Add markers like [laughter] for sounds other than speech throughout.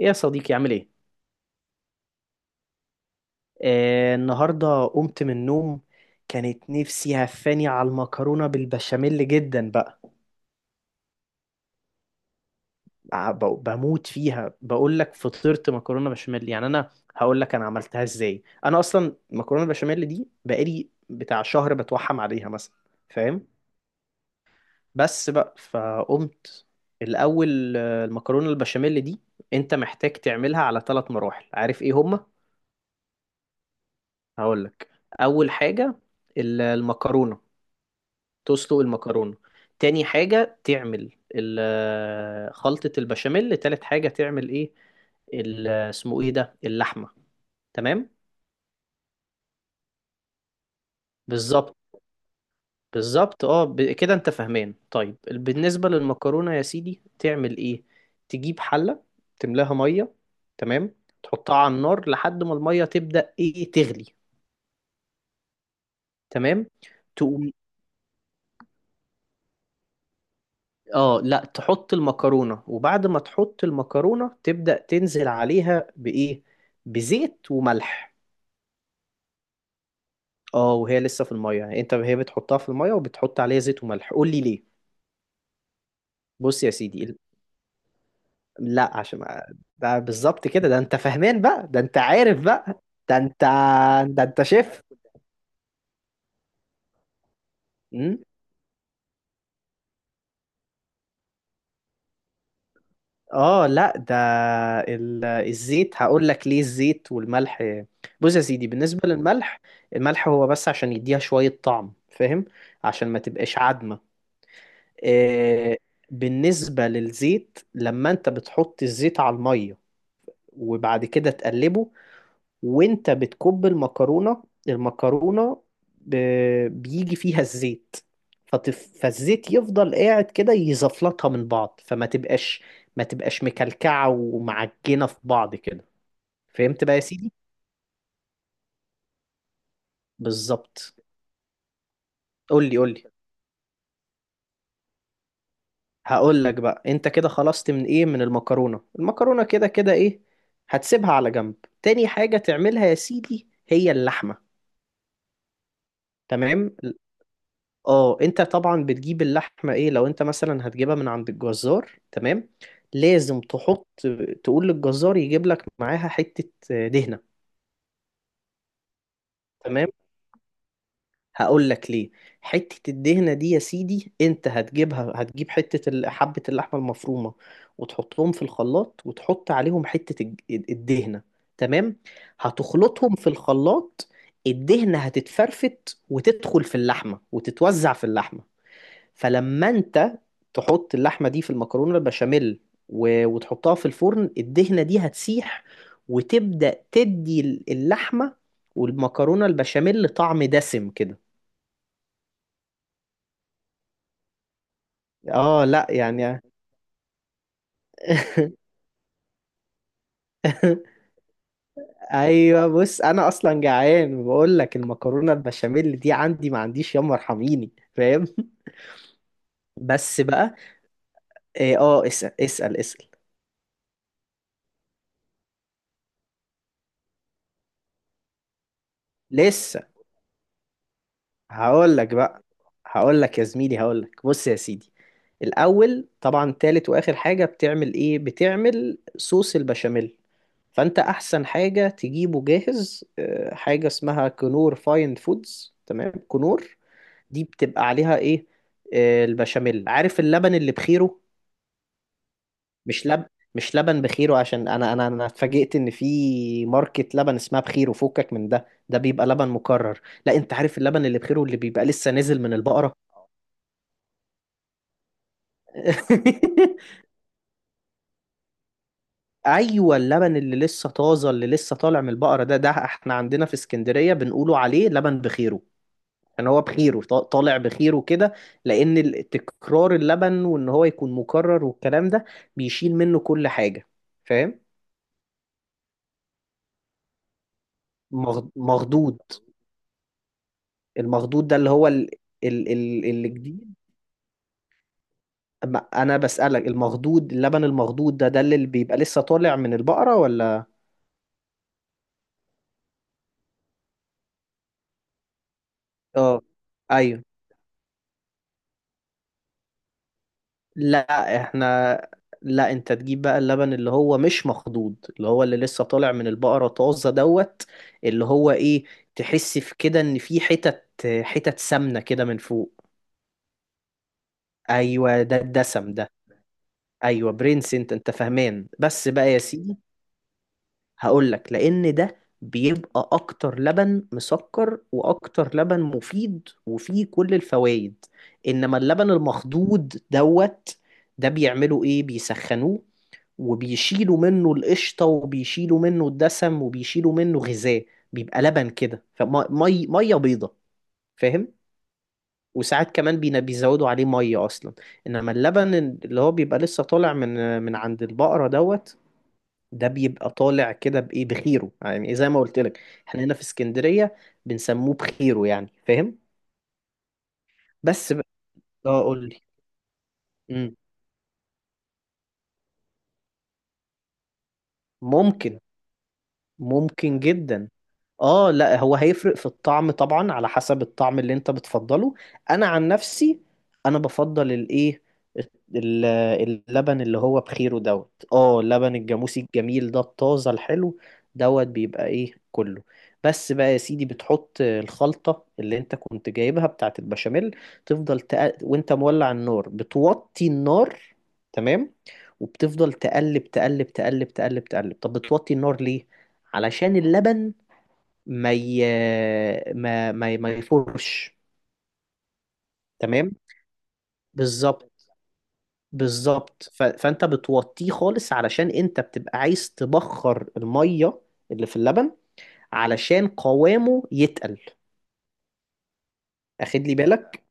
ايه يا صديقي، عامل ايه؟ النهارده قمت من النوم. كانت نفسي هفاني على المكرونه بالبشاميل جدا بقى. بموت فيها. بقول لك فطرت مكرونه بشاميل يعني انا. هقول لك انا عملتها ازاي. انا اصلا المكرونه بشاميل دي بقالي بتاع شهر بتوحم عليها مثلا، فاهم؟ بس بقى فقمت. الاول، المكرونه البشاميل دي انت محتاج تعملها على ثلاث مراحل. عارف ايه هما؟ هقول لك. اول حاجه، المكرونه، تسلق المكرونة. تاني حاجة تعمل خلطة البشاميل. تالت حاجة تعمل ايه؟ اسمه ايه ده، اللحمة. تمام؟ بالظبط. بالظبط، كده انت فاهمان. طيب بالنسبة للمكرونة يا سيدي تعمل ايه؟ تجيب حلة، تملاها مية، تمام؟ تحطها على النار لحد ما المية تبدأ ايه، تغلي. تمام. تقوم اه لا، تحط المكرونة. وبعد ما تحط المكرونة تبدأ تنزل عليها بإيه؟ بزيت وملح. اه، وهي لسه في المية. يعني انت هي بتحطها في المية وبتحط عليها زيت وملح، قول لي ليه. بص يا سيدي، لا، عشان ده بالظبط كده. ده انت فاهمان بقى. ده انت عارف بقى. ده انت ده انت شيف. اه لا، ده الزيت، هقول لك ليه الزيت والملح. بص يا سيدي، بالنسبة للملح، الملح هو بس عشان يديها شوية طعم، فاهم؟ عشان ما تبقاش عدمة. آه، بالنسبة للزيت، لما انت بتحط الزيت على المية وبعد كده تقلبه، وانت بتكب المكرونة المكرونة بيجي فيها الزيت. فالزيت يفضل قاعد كده يزفلطها من بعض، فما تبقاش، ما تبقاش مكلكعة ومعجنة في بعض كده. فهمت بقى يا سيدي؟ بالظبط. قول لي قول لي. هقول لك بقى. انت كده خلصت من ايه؟ من المكرونة المكرونة، كده كده. ايه؟ هتسيبها على جنب. تاني حاجة تعملها يا سيدي هي اللحمة. تمام. اه، انت طبعا بتجيب اللحمه، ايه، لو انت مثلا هتجيبها من عند الجزار. تمام، لازم تحط، تقول للجزار يجيب لك معاها حته دهنه. تمام؟ هقول لك ليه. حته الدهنه دي يا سيدي انت هتجيبها، هتجيب حته حبه اللحمه المفرومه، وتحطهم في الخلاط، وتحط عليهم حته الدهنه. تمام. هتخلطهم في الخلاط. الدهنه هتتفرفت وتدخل في اللحمه وتتوزع في اللحمه. فلما انت تحط اللحمه دي في المكرونه البشاميل وتحطها في الفرن، الدهنه دي هتسيح، وتبدا تدي اللحمه والمكرونه البشاميل طعم دسم كده. اه لا يعني. [laughs] ايوه، بص انا اصلا جعان، وبقول لك المكرونه البشاميل دي عندي ما عنديش، يما ارحميني. فاهم؟ بس بقى. اسال اسال اسال. لسه. هقول لك بقى. هقول لك يا زميلي، هقول لك، بص يا سيدي، الاول طبعا تالت واخر حاجه بتعمل ايه، بتعمل صوص البشاميل. فانت احسن حاجه تجيبه جاهز، حاجه اسمها كنور فاين فودز، تمام؟ كنور دي بتبقى عليها ايه؟ البشاميل. عارف اللبن اللي بخيره؟ مش لب مش لبن بخيره، عشان انا، اتفاجئت ان في ماركة لبن اسمها بخيره، فكك من ده. ده بيبقى لبن مكرر. لا، انت عارف اللبن اللي بخيره، اللي بيبقى لسه نازل من البقرة. [laughs] [applause] ايوه، اللبن اللي لسه طازه، اللي لسه طالع من البقره. ده، احنا عندنا في اسكندريه بنقولوا عليه لبن بخيره. كان هو بخيره، طالع بخيره كده. لان تكرار اللبن، وان هو يكون مكرر والكلام ده، بيشيل منه كل حاجه، فاهم؟ مخدود. المخدود ده اللي هو ال الجديد. أما انا بسألك، المخدود، اللبن المخدود ده، اللي بيبقى لسه طالع من البقره، ولا؟ اه. ايوه. لا، احنا، لا، انت تجيب بقى اللبن اللي هو مش مخضوض، اللي هو اللي لسه طالع من البقرة طازة دوت. اللي هو ايه، تحس في كده ان في حتت، حتت سمنة كده من فوق. ايوه، ده الدسم ده. ايوه برنس، انت فاهمان. بس بقى يا سيدي، هقولك، لان ده بيبقى اكتر لبن مسكر، واكتر لبن مفيد، وفيه كل الفوائد. انما اللبن المخضوض دوت، ده بيعملوا ايه، بيسخنوه، وبيشيلوا منه القشطة، وبيشيلوا منه الدسم، وبيشيلوا منه غذاء. بيبقى لبن كده، فمية مية بيضة، فاهم؟ وساعات كمان بيزودوا عليه مية أصلا. إنما اللبن اللي هو بيبقى لسه طالع من عند البقرة دوت، ده بيبقى طالع كده بإيه، بخيره، يعني زي ما قلت لك. احنا هنا في اسكندرية بنسموه بخيره، يعني، فاهم؟ بس بقى. اه، قول لي. مم. ممكن. ممكن جدا. اه لا، هو هيفرق في الطعم طبعا، على حسب الطعم اللي انت بتفضله. انا عن نفسي، انا بفضل الايه، ال- اللبن اللي هو بخيره دوت. اه، لبن الجاموسي الجميل ده، الطازة الحلو دوت، بيبقى ايه كله. بس بقى يا سيدي، بتحط الخلطة اللي انت كنت جايبها بتاعت البشاميل. تفضل وانت مولع النار بتوطي النار. تمام. وبتفضل تقلب تقلب تقلب تقلب تقلب. طب بتوطي النار ليه؟ علشان اللبن ما ي... ما يفرش. تمام. بالظبط. بالظبط، فانت بتوطيه خالص، علشان انت بتبقى عايز تبخر الميه اللي في اللبن، علشان قوامه يتقل. اخد لي بالك؟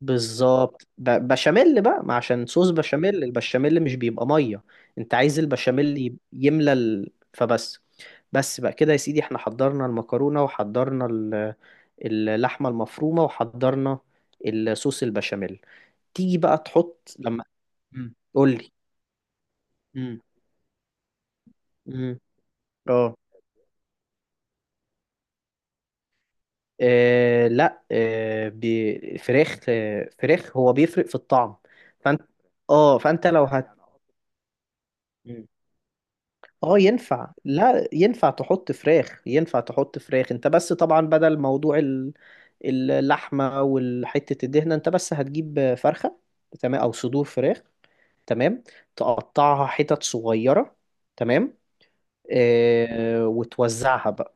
بالظبط. بشاميل بقى، ما عشان صوص بشاميل، البشاميل مش بيبقى ميه. انت عايز البشاميل يملى فبس. بس بقى كده يا سيدي، احنا حضرنا المكرونه، وحضرنا اللحمه المفرومه، وحضرنا الصوص البشاميل. تيجي بقى تحط لما. قول لي. امم امم اه آه، لا آه، ب- فراخ، فراخ، هو بيفرق في الطعم. فانت اه فانت لو اه. ينفع. لا، ينفع تحط فراخ. ينفع تحط فراخ. انت بس طبعا بدل موضوع اللحمة والحتة الدهنة، انت بس هتجيب فرخة، تمام؟ او صدور فراخ. تمام. تقطعها حتت صغيرة. تمام. وتوزعها بقى،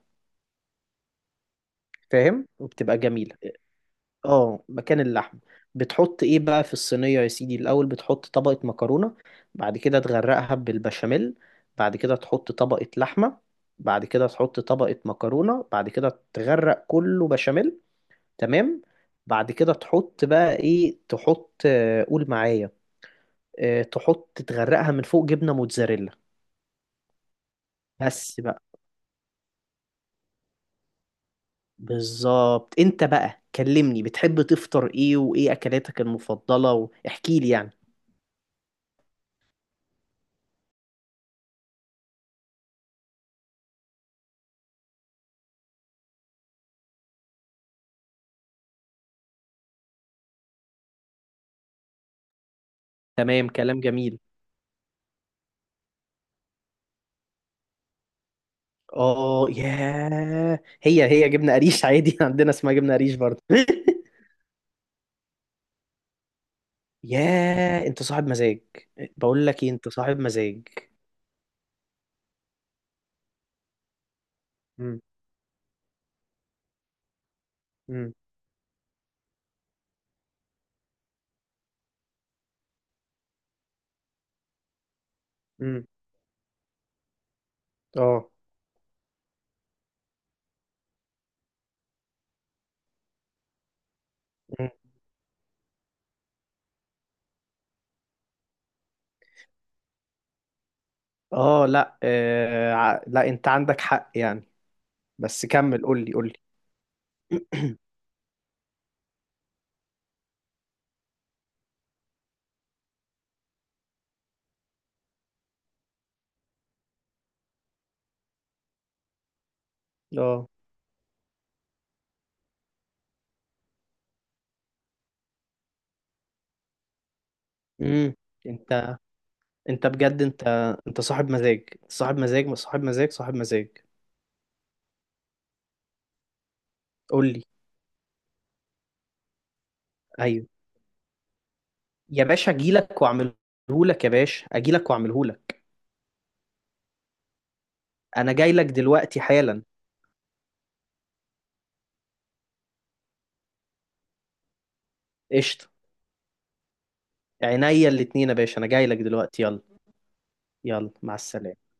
فاهم؟ وبتبقى جميلة. اه، مكان اللحم. بتحط ايه بقى في الصينية يا سيدي؟ الأول بتحط طبقة مكرونة، بعد كده تغرقها بالبشاميل، بعد كده تحط طبقة لحمة، بعد كده تحط طبقة مكرونة، بعد كده تغرق كله بشاميل. تمام. بعد كده تحط بقى ايه، تحط، قول معايا. آه، تحط تغرقها من فوق جبنة موتزاريلا. بس بقى. بالظبط. انت بقى كلمني، بتحب تفطر ايه، وايه اكلاتك المفضلة؟ واحكي لي يعني. تمام، كلام جميل. اه ياه، هي هي جبنه قريش عادي. [laughs] عندنا اسمها جبنه قريش برضه. [laughs] ياه، انت صاحب مزاج. بقول لك ايه، انت صاحب مزاج. مم. مم. مم. اه. مم. اه لا، لا، انت عندك حق، يعني. بس كمل، قول لي قول لي. اه. امم انت انت بجد، انت انت صاحب مزاج صاحب مزاج صاحب مزاج صاحب مزاج. قول لي. ايوه يا باشا، اجي لك واعمله لك. يا باشا، اجي لك واعمله لك. انا جاي لك دلوقتي حالا. قشطه. عينيا الاتنين يا باشا، انا جاي لك دلوقتي. يلا. يلا، مع السلامة.